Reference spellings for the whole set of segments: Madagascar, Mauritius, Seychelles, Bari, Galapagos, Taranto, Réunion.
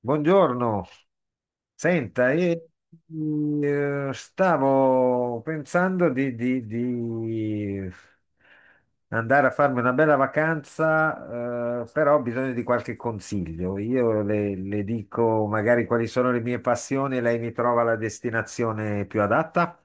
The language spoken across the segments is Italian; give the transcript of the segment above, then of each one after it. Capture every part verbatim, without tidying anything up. Buongiorno, senta, e- eh, stavo pensando di, di- di andare a farmi una bella vacanza, eh, però ho bisogno di qualche consiglio. Io le, le dico magari quali sono le mie passioni e lei mi trova la destinazione più adatta.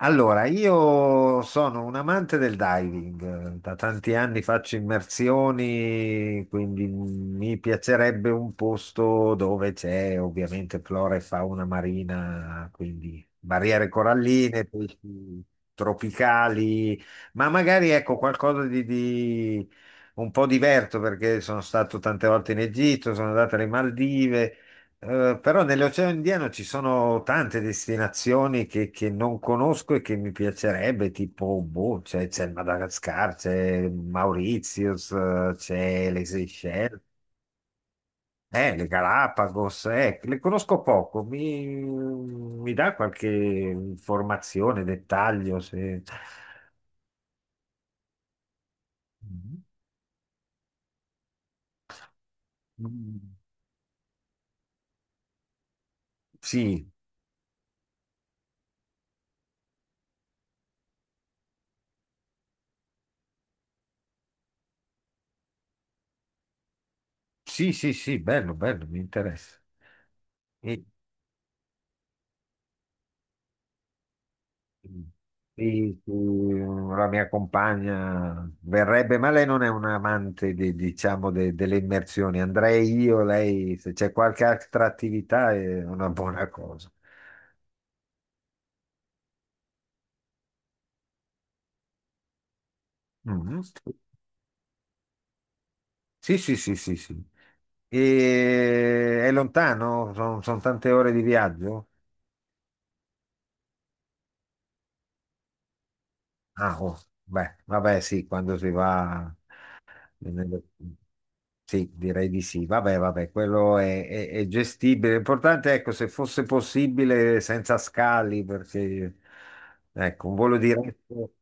Allora, io sono un amante del diving, da tanti anni faccio immersioni, quindi mi piacerebbe un posto dove c'è ovviamente flora e fauna marina, quindi barriere coralline, pesci tropicali, ma magari ecco qualcosa di, di un po' diverso perché sono stato tante volte in Egitto, sono andato alle Maldive. Eh, però nell'Oceano Indiano ci sono tante destinazioni che, che non conosco e che mi piacerebbe, tipo, boh, c'è c'è il Madagascar, c'è Mauritius, eh, c'è le Seychelles, eh, le Galapagos, eh, le conosco poco. Mi, mi dà qualche informazione, dettaglio? se- Mm. Sì, sì, sì, sì, bello, bello, mi interessa. Sì, sì, la mia compagna verrebbe, ma lei non è un amante, de- diciamo, de- delle immersioni. Andrei io, lei, se c'è qualche altra attività è una buona cosa. Mhm. Sì, sì, sì, sì, sì. E è lontano? Sono tante ore di viaggio? Ah, oh, beh, vabbè, sì, quando si va. Non è da- Sì, direi di sì. Vabbè, vabbè, quello è, è- è gestibile. L'importante, ecco, se fosse possibile senza scali, perché ecco, un volo diretto.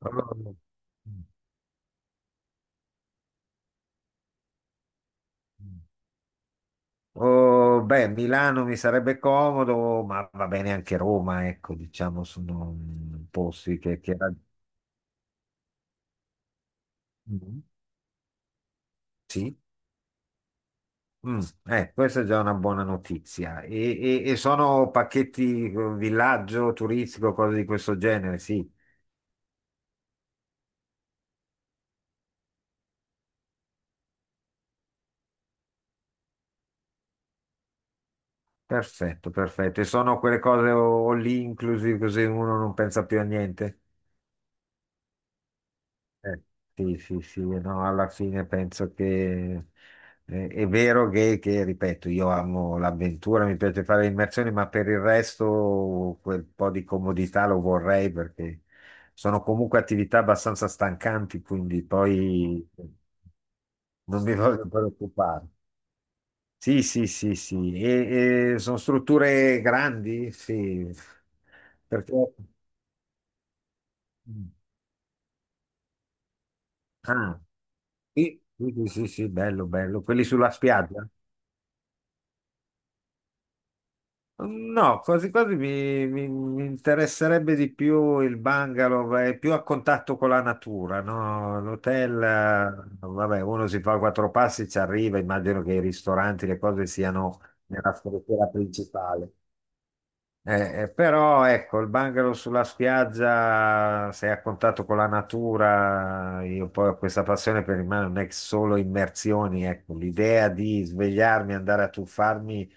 Allora, oh, beh, Milano mi sarebbe comodo, ma va bene anche Roma, ecco, diciamo, sono mm, posti che, che... rag- Mm. Sì. Mm, eh, Questa è già una buona notizia. E, e- e sono pacchetti eh, villaggio turistico, cose di questo genere, sì. Perfetto, perfetto. E sono quelle cose o- all inclusive così uno non pensa più a niente. Eh, sì, sì, sì, no, alla fine penso che eh, è vero che, che, ripeto, io amo l'avventura, mi piace fare le immersioni, ma per il resto quel po' di comodità lo vorrei perché sono comunque attività abbastanza stancanti, quindi poi non mi voglio preoccupare. Sì, sì, sì, sì, e, e sono strutture grandi, sì, perché... Ah, sì, sì, sì, sì, sì, bello, bello, quelli sulla spiaggia? No, quasi quasi mi, mi- mi interesserebbe di più il bungalow, è più a contatto con la natura, no? L'hotel, eh, vabbè, uno si fa quattro passi, ci arriva, immagino che i ristoranti, le cose siano nella struttura principale. Eh, eh, però ecco, il bungalow sulla spiaggia, sei a contatto con la natura, io poi ho questa passione per il mare, non è che solo immersioni, ecco, l'idea di svegliarmi, andare a tuffarmi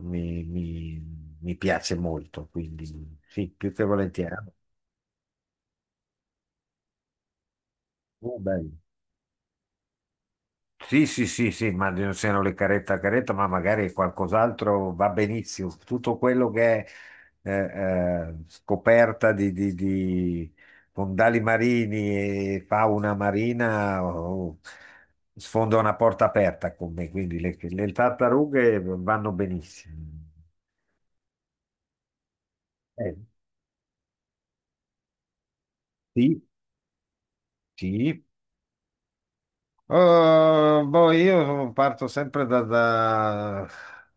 mi, mi- mi piace molto, quindi sì, più che volentieri. Oh, bello. Sì, sì, sì, sì, ma non siano le caretta a caretta, ma magari qualcos'altro va benissimo. Tutto quello che è eh, eh, scoperta di, di- di fondali marini e fauna marina oh, sfonda una porta aperta con me, quindi le, le tartarughe vanno benissimo. Eh, sì, sì. Eh, Boh, io parto sempre da- da-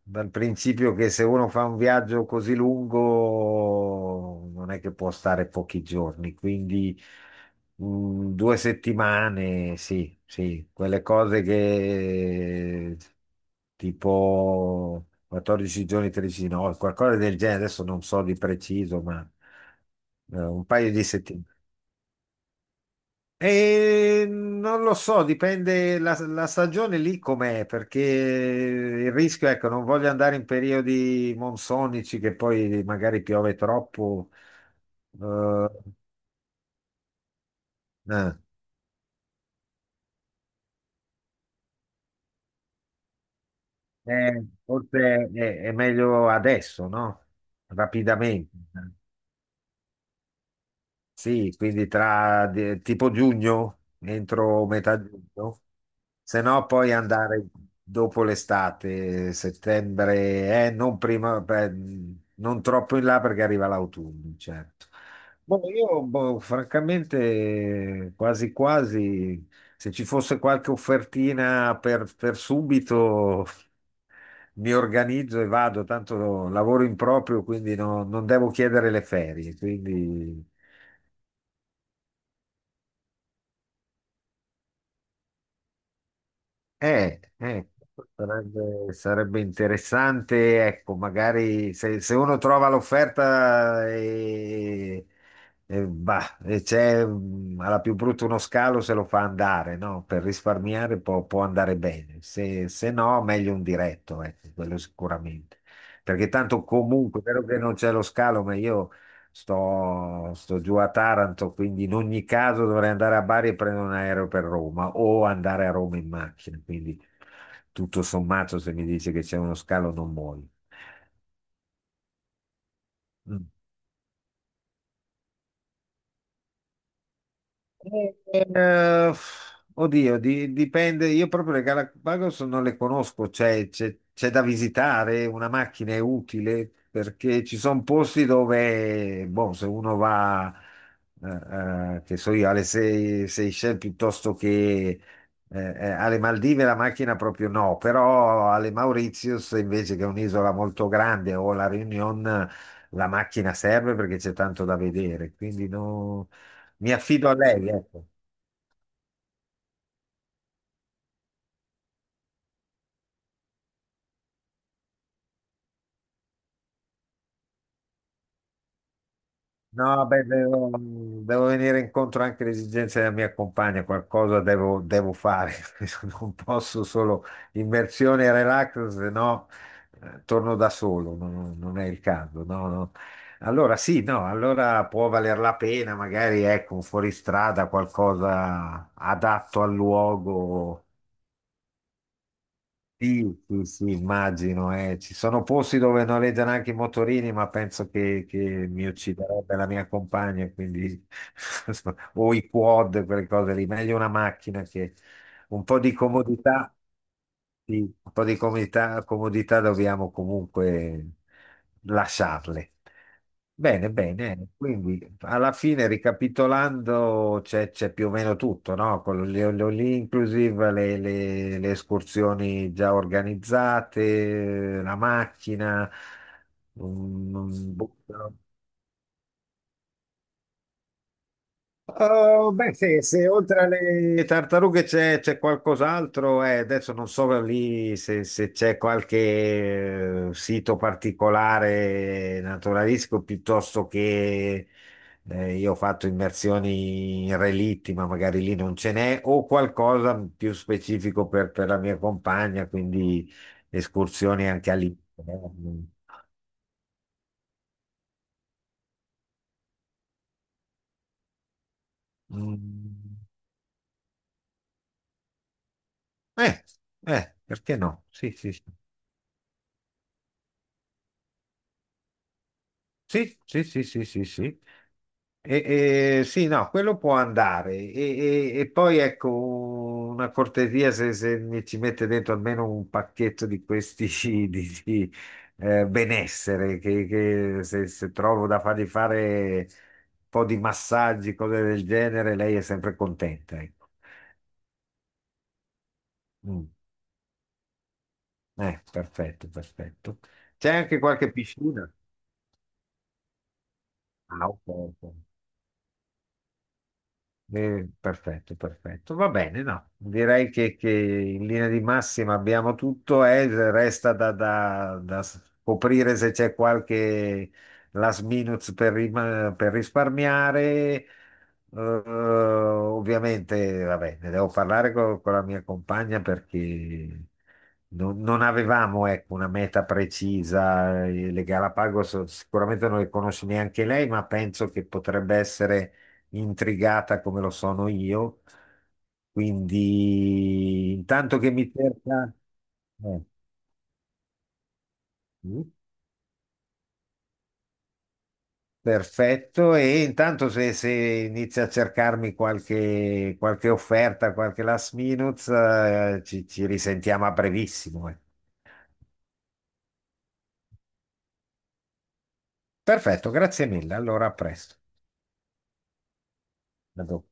dal principio che se uno fa un viaggio così lungo non è che può stare pochi giorni, quindi mm, due settimane, sì, sì, quelle cose che tipo quattordici giorni, tredici no, qualcosa del genere, adesso non so di preciso, ma eh, un paio di settimane. E non lo so, dipende la, la stagione lì com'è, perché il rischio, ecco, non voglio andare in periodi monsonici che poi magari piove troppo. Eh, eh, eh, Forse è, è meglio adesso, no? Rapidamente. Sì, quindi tra di- tipo giugno, entro metà giugno, se no poi andare dopo l'estate, settembre, eh, non prima, beh, non troppo in là perché arriva l'autunno, certo. Boh, io boh, francamente quasi quasi, se ci fosse qualche offertina per, per subito mi organizzo e vado, tanto lavoro in proprio, quindi no- non devo chiedere le ferie, quindi. Eh, eh, sarebbe, sarebbe interessante, ecco, magari se, se uno trova l'offerta e, e, bah, e c'è mm, alla più brutta uno scalo, se lo fa andare, no? Per risparmiare può, può andare bene, se, se no meglio un diretto, ecco, quello sicuramente. Perché tanto comunque, è vero che non c'è lo scalo, ma io Sto, sto giù a Taranto, quindi in ogni caso dovrei andare a Bari e prendere un aereo per Roma o andare a Roma in macchina. Quindi tutto sommato, se mi dice che c'è uno scalo, non muoio. Mm. Eh, Oddio, di- dipende. Io proprio le Galapagos non le conosco, cioè c'è c'è da visitare, una macchina è utile perché ci sono posti dove, boh, se uno va, eh, eh, che so io, alle Sei- Seychelles piuttosto che eh, eh, alle Maldive la macchina proprio no, però alle Mauritius invece che è un'isola molto grande o la Réunion la macchina serve perché c'è tanto da vedere, quindi no- mi affido a lei, ecco. No, beh, devo, devo, venire incontro anche alle esigenze della mia compagna, qualcosa devo, devo fare, non posso solo immersione e relax, se no eh, torno da solo, non, non è il caso. No, no. Allora sì, no, allora può valer la pena, magari ecco, un fuoristrada, qualcosa adatto al luogo. Sì, sì, sì, immagino, eh. Ci sono posti dove noleggiano anche i motorini, ma penso che, che mi ucciderebbe la mia compagna, quindi o i quad, quelle cose lì, meglio una macchina che un po' di comodità, sì, un po' di comodità, comodità dobbiamo comunque lasciarle. Bene, bene, quindi alla fine ricapitolando c'è c'è più o meno tutto, no? Con lì inclusive le, le- le escursioni già organizzate, la macchina, un, un- boh, però- Uh, beh, se, se oltre alle tartarughe c'è c'è qualcos'altro, eh, adesso non so lì se, se c'è qualche eh, sito particolare naturalistico piuttosto che eh, io ho fatto immersioni in relitti, ma magari lì non ce n'è, o qualcosa più specifico per, per la mia compagna, quindi escursioni anche all'interno. Mm. Eh, eh, Perché no? Sì, sì, sì, sì, sì, sì, sì, sì. Sì. E, e- sì, no, quello può andare. E, e- e poi ecco una cortesia se, se mi ci mette dentro almeno un pacchetto di questi di, di, eh, benessere, che, che se, se trovo da fargli fare un po' di massaggi, cose del genere, lei è sempre contenta. Ecco. Mm. Eh, perfetto, perfetto. C'è anche qualche piscina? Ah, ok. Ok. Eh, perfetto, perfetto. Va bene, no. Direi che, che in linea di massima abbiamo tutto e resta da, da- da scoprire se c'è qualche last minute per, rim- per risparmiare. Eh, ovviamente, vabbè, ne devo parlare co- con la mia compagna perché non, non avevamo, ecco, una meta precisa. Le Galapagos sicuramente non le conosce neanche lei, ma penso che potrebbe essere intrigata come lo sono io. Quindi intanto che mi cerca. eh, mm, Perfetto, e intanto se, se inizia a cercarmi qualche, qualche, offerta, qualche last minute, eh, ci, ci risentiamo a brevissimo. Eh. Perfetto, grazie mille. Allora, a presto. A dopo.